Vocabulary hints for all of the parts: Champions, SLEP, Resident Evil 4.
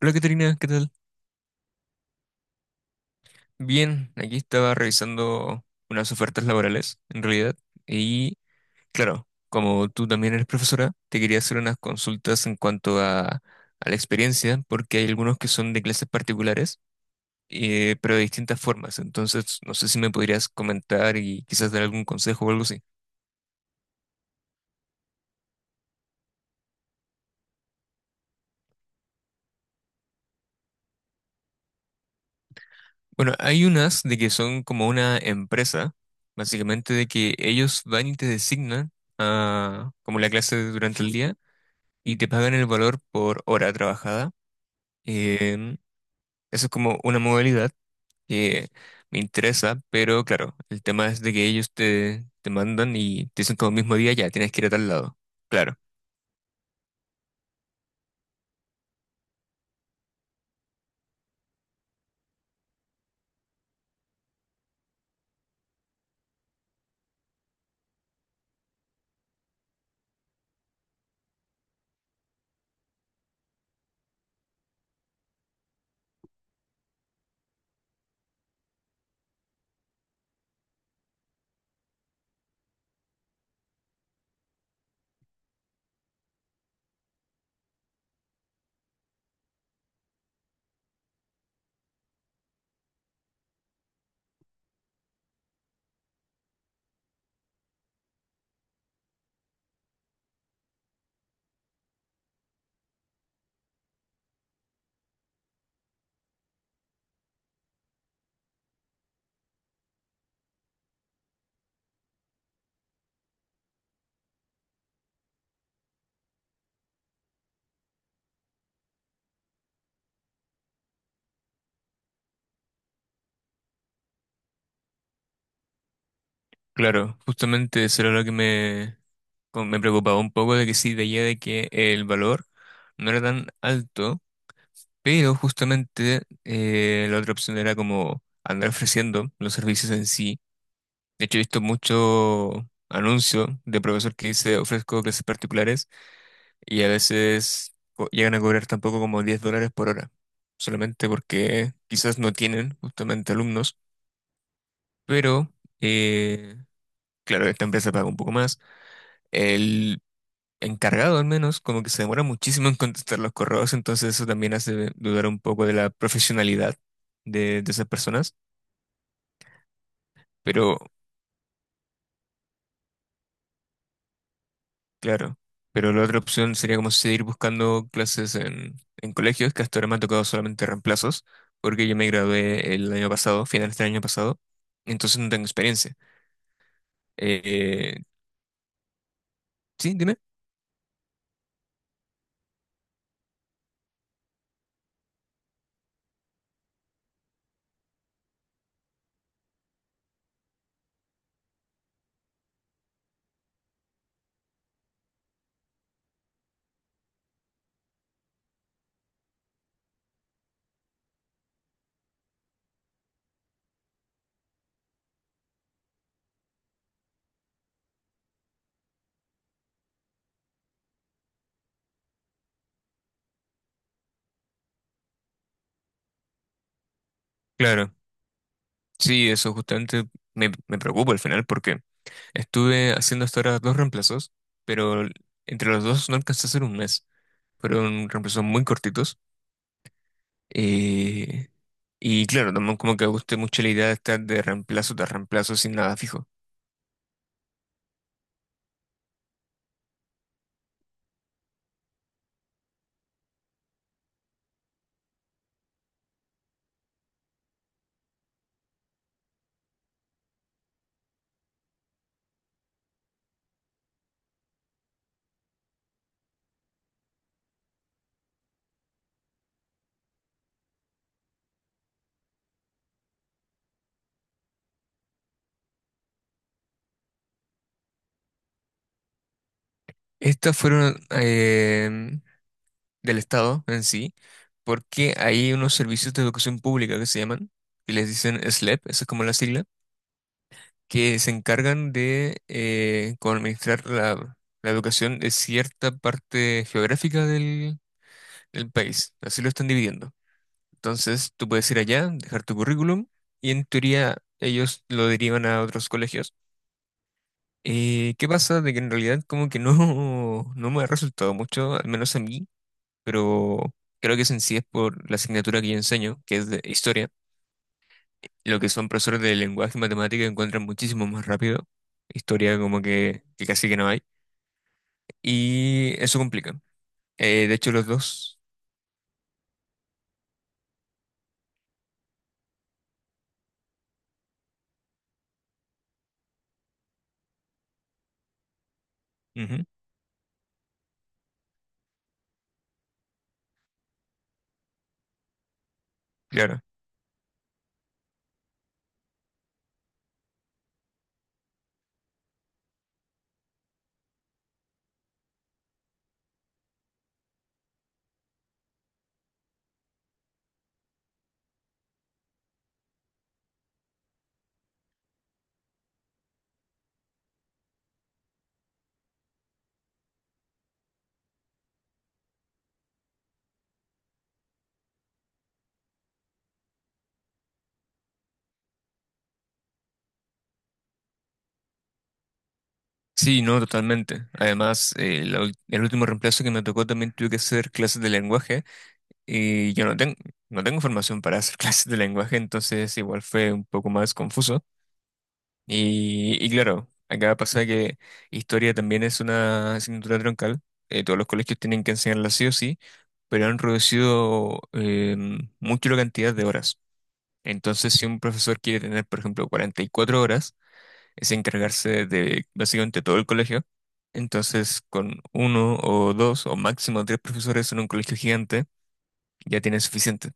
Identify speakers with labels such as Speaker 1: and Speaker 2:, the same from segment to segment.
Speaker 1: Hola, Caterina, ¿qué tal? Bien, aquí estaba revisando unas ofertas laborales, en realidad, y claro, como tú también eres profesora, te quería hacer unas consultas en cuanto a la experiencia, porque hay algunos que son de clases particulares, pero de distintas formas, entonces no sé si me podrías comentar y quizás dar algún consejo o algo así. Bueno, hay unas de que son como una empresa, básicamente de que ellos van y te designan a, como la clase durante el día y te pagan el valor por hora trabajada. Em, Eso es como una modalidad que me interesa, pero claro, el tema es de que ellos te mandan y te dicen como mismo día, ya, tienes que ir a tal lado. Claro, claro, justamente eso era lo que como me preocupaba un poco de que sí veía de que el valor no era tan alto, pero justamente la otra opción era como andar ofreciendo los servicios en sí. De hecho, he visto mucho anuncio de profesor que dice ofrezco clases particulares y a veces llegan a cobrar tampoco como 10 dólares por hora, solamente porque quizás no tienen justamente alumnos, pero eh, claro, esta empresa paga un poco más. El encargado al menos como que se demora muchísimo en contestar los correos, entonces eso también hace dudar un poco de la profesionalidad de esas personas, pero... Claro, pero la otra opción sería como seguir buscando clases en colegios, que hasta ahora me han tocado solamente reemplazos, porque yo me gradué el año pasado, finales del año pasado, entonces no tengo experiencia. Eh, sí, dime. Claro, sí, eso justamente me preocupa al final, porque estuve haciendo hasta ahora dos reemplazos, pero entre los dos no alcancé a hacer un mes. Fueron reemplazos muy cortitos. eh, y claro, también como que me gusté mucho la idea de estar de reemplazo tras reemplazo sin nada fijo. Estas fueron del Estado en sí, porque hay unos servicios de educación pública que se llaman, y les dicen SLEP, esa es como la sigla, que se encargan de como administrar la educación de cierta parte geográfica del país. Así lo están dividiendo. Entonces, tú puedes ir allá, dejar tu currículum, y en teoría ellos lo derivan a otros colegios. ¿Qué pasa? De que en realidad como que no, no me ha resultado mucho, al menos a mí. Pero creo que eso en sí es por la asignatura que yo enseño, que es de historia. Lo que son profesores de lenguaje y matemática encuentran muchísimo más rápido. Historia como que casi que no hay. Y eso complica. De hecho, los dos. Ujú, claro. Sí, no, totalmente. Además, el último reemplazo que me tocó también tuve que hacer clases de lenguaje y yo no tengo formación para hacer clases de lenguaje, entonces igual fue un poco más confuso. Y claro, acá pasa que historia también es una asignatura troncal. Todos los colegios tienen que enseñarla sí o sí, pero han reducido mucho la cantidad de horas. Entonces, si un profesor quiere tener, por ejemplo, 44 horas, es encargarse de básicamente todo el colegio. Entonces, con uno o dos o máximo tres profesores en un colegio gigante, ya tiene suficiente.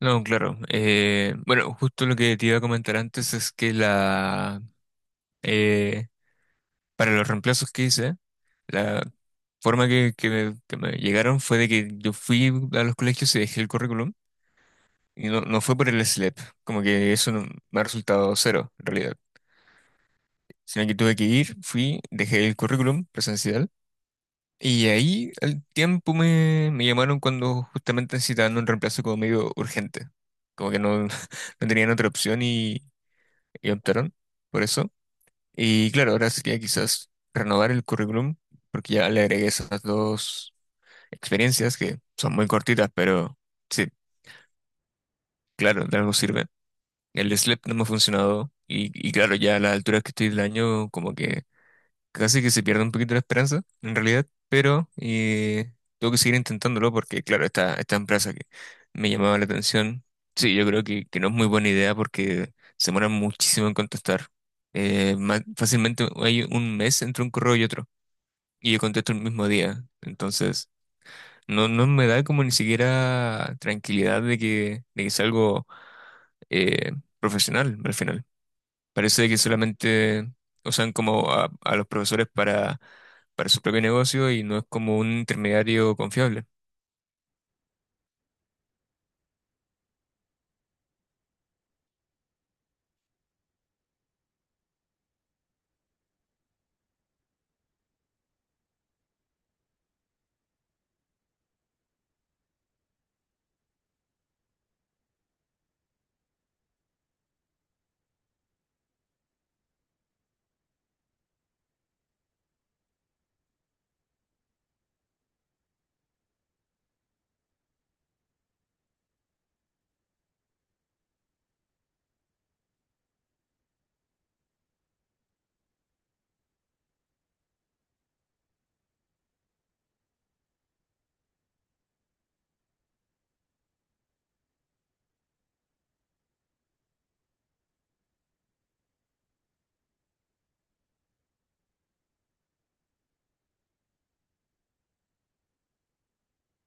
Speaker 1: No, claro. Bueno, justo lo que te iba a comentar antes es que la... eh, para los reemplazos que hice, la forma que me llegaron fue de que yo fui a los colegios y dejé el currículum y no fue por el SLEP, como que eso me ha resultado cero en realidad, sino que tuve que ir, fui, dejé el currículum presencial y ahí al tiempo me llamaron cuando justamente necesitaban un reemplazo como medio urgente, como que no, no tenían otra opción y optaron por eso. Y claro, ahora sería quizás renovar el currículum, porque ya le agregué esas dos experiencias que son muy cortitas, pero sí, claro, de algo sirve. El SLEP no me ha funcionado y claro, ya a la altura que estoy del año, como que casi que se pierde un poquito la esperanza, en realidad, pero tengo que seguir intentándolo porque, claro, esta empresa que me llamaba la atención, sí, yo creo que no es muy buena idea porque se demora muchísimo en contestar. Fácilmente hay un mes entre un correo y otro. Y yo contesto el mismo día. Entonces, no me da como ni siquiera tranquilidad de que sea algo eh, profesional al final. Parece que solamente usan como a los profesores para su propio negocio y no es como un intermediario confiable.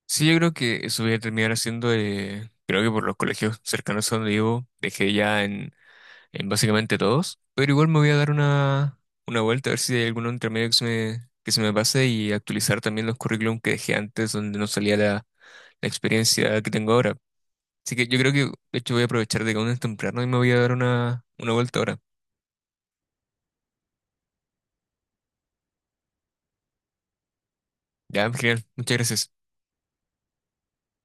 Speaker 1: Sí, yo creo que eso voy a terminar haciendo, creo que por los colegios cercanos a donde vivo, dejé ya en básicamente todos, pero igual me voy a dar una vuelta a ver si hay alguno entre medio que se me pase y actualizar también los currículum que dejé antes donde no salía la experiencia que tengo ahora. Así que yo creo que de hecho voy a aprovechar de que aún es temprano y me voy a dar una vuelta ahora. Ya, genial, muchas gracias.